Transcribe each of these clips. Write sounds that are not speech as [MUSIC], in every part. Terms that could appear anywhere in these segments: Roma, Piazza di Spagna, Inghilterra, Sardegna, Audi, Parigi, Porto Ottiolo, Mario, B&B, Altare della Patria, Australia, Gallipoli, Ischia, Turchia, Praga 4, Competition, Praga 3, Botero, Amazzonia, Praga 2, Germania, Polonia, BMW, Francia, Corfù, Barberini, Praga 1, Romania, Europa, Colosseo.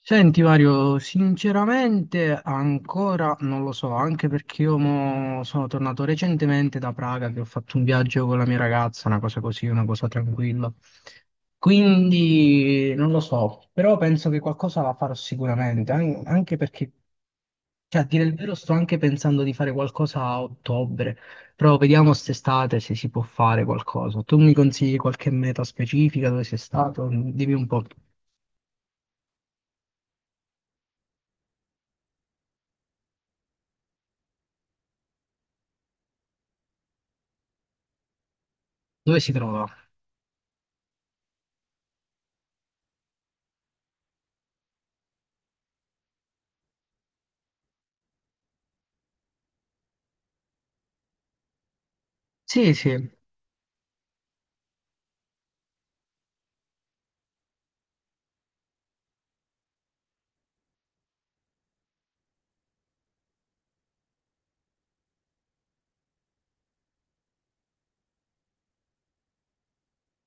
Senti Mario, sinceramente ancora non lo so, anche perché io mo sono tornato recentemente da Praga che ho fatto un viaggio con la mia ragazza, una cosa così, una cosa tranquilla. Quindi non lo so, però penso che qualcosa la farò sicuramente, anche perché, cioè a dire il vero, sto anche pensando di fare qualcosa a ottobre, però vediamo quest'estate se si può fare qualcosa. Tu mi consigli qualche meta specifica dove sei stato? Dimmi un po'. Dove si trova? Sì, sì.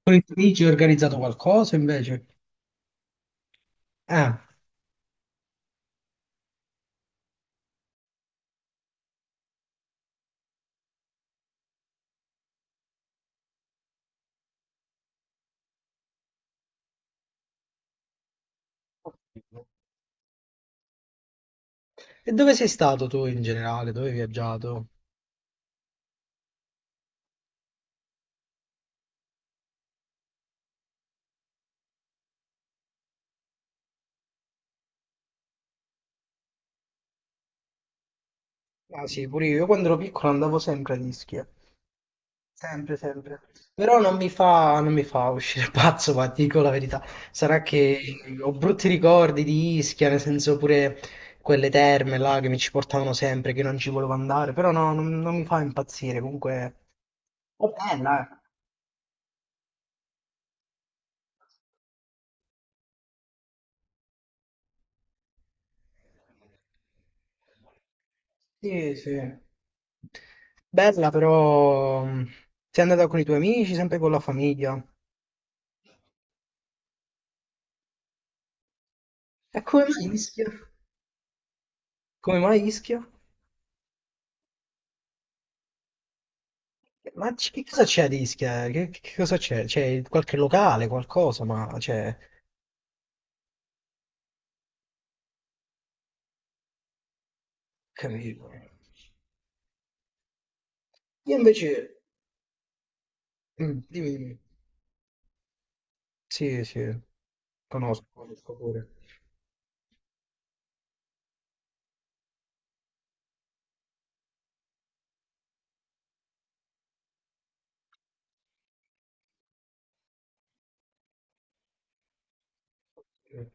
Parigi hai organizzato qualcosa invece? Ah, e dove sei stato tu in generale? Dove hai viaggiato? Ah sì, pure io. Io quando ero piccolo andavo sempre a Ischia. Sempre, sempre. Però non mi fa uscire [LAUGHS] pazzo, ma ti dico la verità. Sarà che ho brutti ricordi di Ischia, nel senso pure quelle terme là che mi ci portavano sempre, che non ci volevo andare. Però no, non mi fa impazzire. Comunque, è bella, eh. Sì, sì. Bella però, sei andata con i tuoi amici, sempre con la famiglia. E come mai Ischia? Come mai Ischia? Ma che cosa c'è ad Ischia? Che cosa c'è? C'è qualche locale, qualcosa, ma c'è. Capito. Io invece. Mm, dimmi, dimmi. Sì, sì, conosco, conosco pure.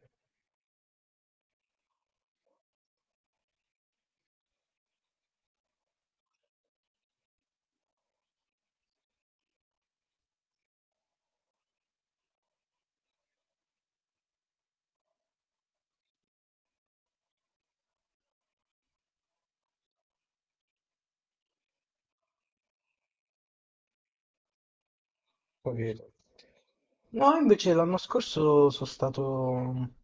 Capito. No, invece l'anno scorso sono stato, mi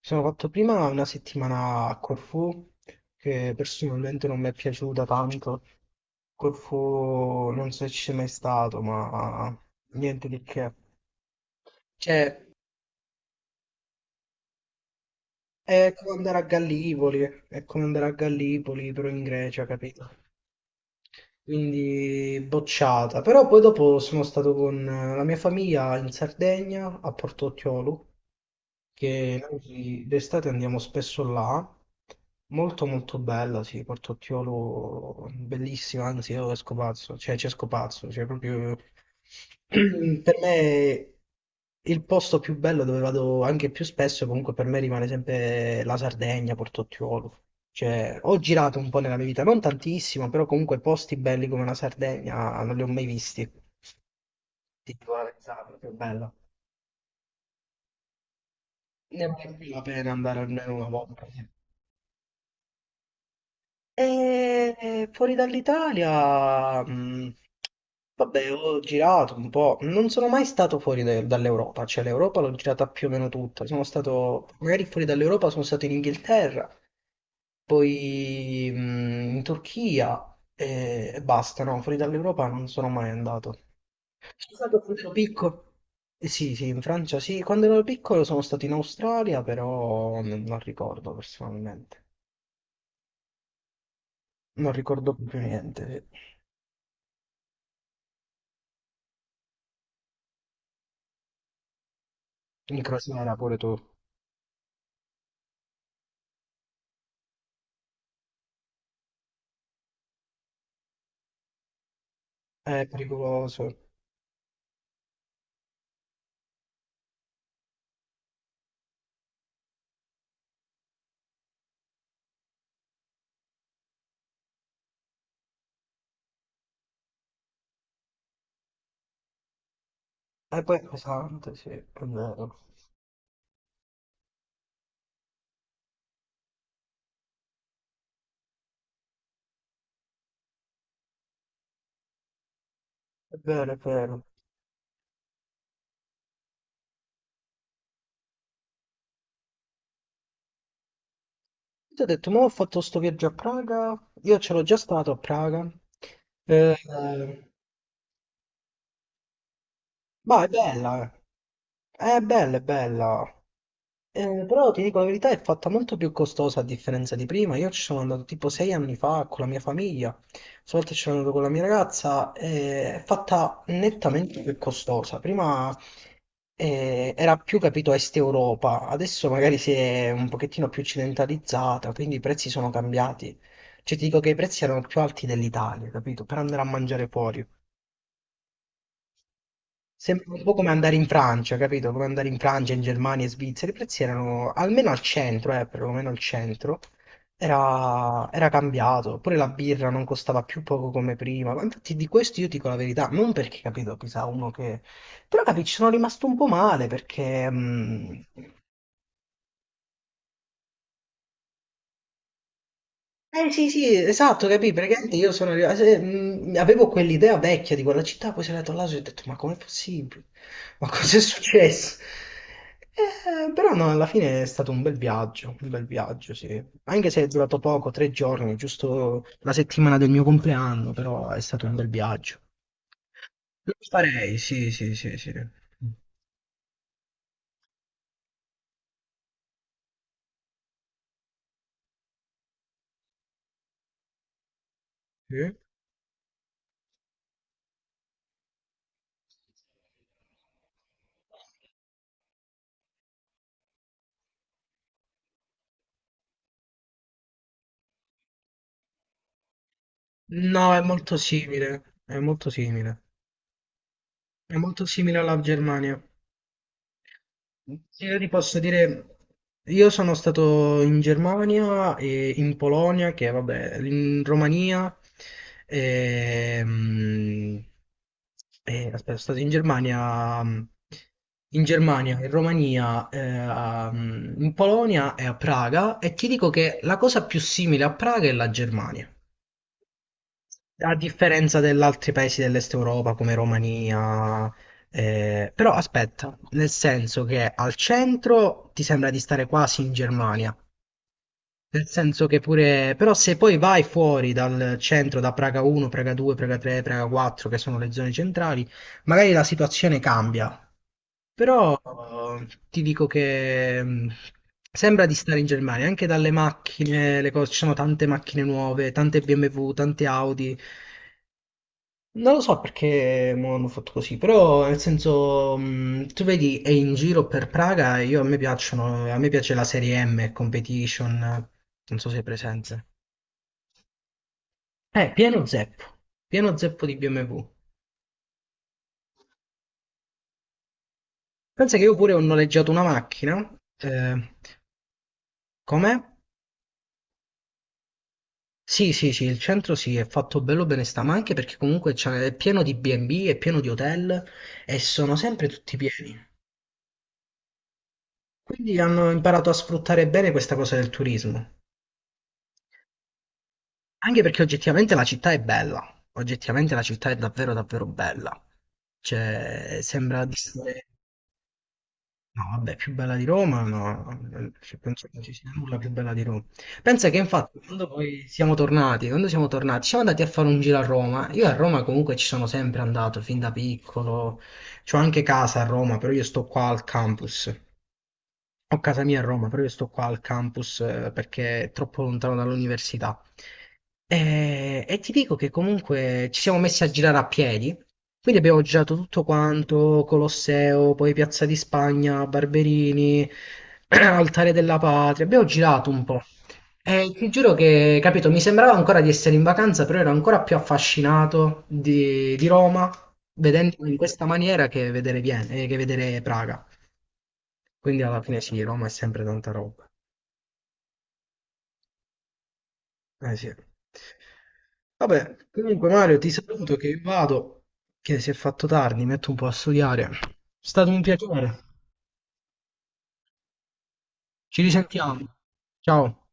sono fatto prima una settimana a Corfù, che personalmente non mi è piaciuta tanto. Corfù non so se ci sei mai stato, ma niente di che. Cioè, è come andare a Gallipoli, è come andare a Gallipoli, però in Grecia, capito? Quindi bocciata. Però poi dopo sono stato con la mia famiglia in Sardegna, a Porto Ottiolo, che noi d'estate andiamo spesso là. Molto molto bella, sì, Porto Ottiolo, bellissima, anzi io esco pazzo, cioè ci esco pazzo, cioè proprio [CLEARS THROAT] per me il posto più bello dove vado anche più spesso, comunque per me rimane sempre la Sardegna, Portottiolo. Cioè, ho girato un po' nella mia vita, non tantissimo, però comunque posti belli come la Sardegna non li ho mai visti. Ti dico la verità, è proprio bella. Ne vale più la pena andare almeno una volta. E fuori dall'Italia, vabbè, ho girato un po', non sono mai stato dall'Europa, cioè l'Europa l'ho girata più o meno tutta, sono stato, magari fuori dall'Europa sono stato in Inghilterra, poi in Turchia e basta, no, fuori dall'Europa non sono mai andato. Sono stato quando ero piccolo. Sì, sì, in Francia sì, quando ero piccolo sono stato in Australia, però non ricordo personalmente, non ricordo più niente. Sì. Il crociera pure tu. È pericoloso. E poi è pesante, sì, è vero. È vero, è vero. Ti ho detto, ma ho fatto sto viaggio a Praga. Io ce l'ho già stato a Praga. Eh, eh, ma è bella. Eh. È bella, è bella. Però ti dico la verità, è fatta molto più costosa a differenza di prima. Io ci sono andato tipo sei anni fa con la mia famiglia, stavolta ci sono andato con la mia ragazza, è fatta nettamente più costosa. Prima era più capito Est Europa, adesso magari si è un pochettino più occidentalizzata, quindi i prezzi sono cambiati. Cioè ti dico che i prezzi erano più alti dell'Italia, capito? Per andare a mangiare fuori. Sembra un po' come andare in Francia, capito? Come andare in Francia, in Germania, in Svizzera. I prezzi erano, almeno al centro, perlomeno al centro, era cambiato. Pure la birra non costava più poco come prima. Ma infatti di questo io dico la verità, non perché, capito, chissà uno che. Però, capi, ci sono rimasto un po' male perché. Eh sì, sì, esatto, capì, praticamente io sono arrivato, avevo quell'idea vecchia di quella città, poi sono andato là e ho detto, ma com'è possibile? Ma cos'è successo? Però no, alla fine è stato un bel viaggio, sì. Anche se è durato poco, tre giorni, giusto la settimana del mio compleanno, però è stato un bel viaggio. Lo farei, sì, sì, sì, sì. Sì. No, è molto simile, è molto simile. È molto simile alla Germania. Io ti posso dire, io sono stato in Germania e in Polonia, che vabbè, in Romania, e, mm, aspetta, sono stato in Germania, in Romania, in Polonia e a Praga, e ti dico che la cosa più simile a Praga è la Germania. A differenza degli altri paesi dell'Est Europa come Romania, però aspetta, nel senso che al centro ti sembra di stare quasi in Germania, nel senso che pure, però se poi vai fuori dal centro, da Praga 1, Praga 2, Praga 3, Praga 4, che sono le zone centrali, magari la situazione cambia, però ti dico che sembra di stare in Germania, anche dalle macchine, le cose, ci sono tante macchine nuove, tante BMW, tante Audi. Non lo so perché mo hanno fatto così, però nel senso, tu vedi, è in giro per Praga e io a me piacciono, a me piace la serie M, Competition, non so se è presente. Eh, pieno zeppo, pieno zeppo di BMW. Pensa che io pure ho noleggiato una macchina, com'è? Sì, sì, sì, il centro sì, è fatto bello bene sta, ma anche perché comunque è pieno di B&B, è pieno di hotel e sono sempre tutti pieni. Quindi hanno imparato a sfruttare bene questa cosa del turismo. Anche perché oggettivamente la città è bella, oggettivamente la città è davvero davvero bella, cioè sembra di essere, no vabbè, più bella di Roma, no, cioè, penso che non ci sia nulla più bella di Roma. Pensa che infatti quando siamo tornati, siamo andati a fare un giro a Roma, io a Roma comunque ci sono sempre andato, fin da piccolo, c'ho anche casa a Roma, però io sto qua al campus, ho casa mia a Roma, però io sto qua al campus perché è troppo lontano dall'università. E ti dico che comunque ci siamo messi a girare a piedi, quindi abbiamo girato tutto quanto, Colosseo, poi Piazza di Spagna, Barberini, [CLEARS THROAT] Altare della Patria, abbiamo girato un po'. E ti giuro che, capito, mi sembrava ancora di essere in vacanza, però ero ancora più affascinato di Roma, vedendo in questa maniera che vedere che vedere Praga. Quindi alla fine sì, Roma è sempre tanta roba. Eh sì. Vabbè, comunque Mario ti saluto che vado, che si è fatto tardi, mi metto un po' a studiare. È stato un piacere. Ci risentiamo. Ciao.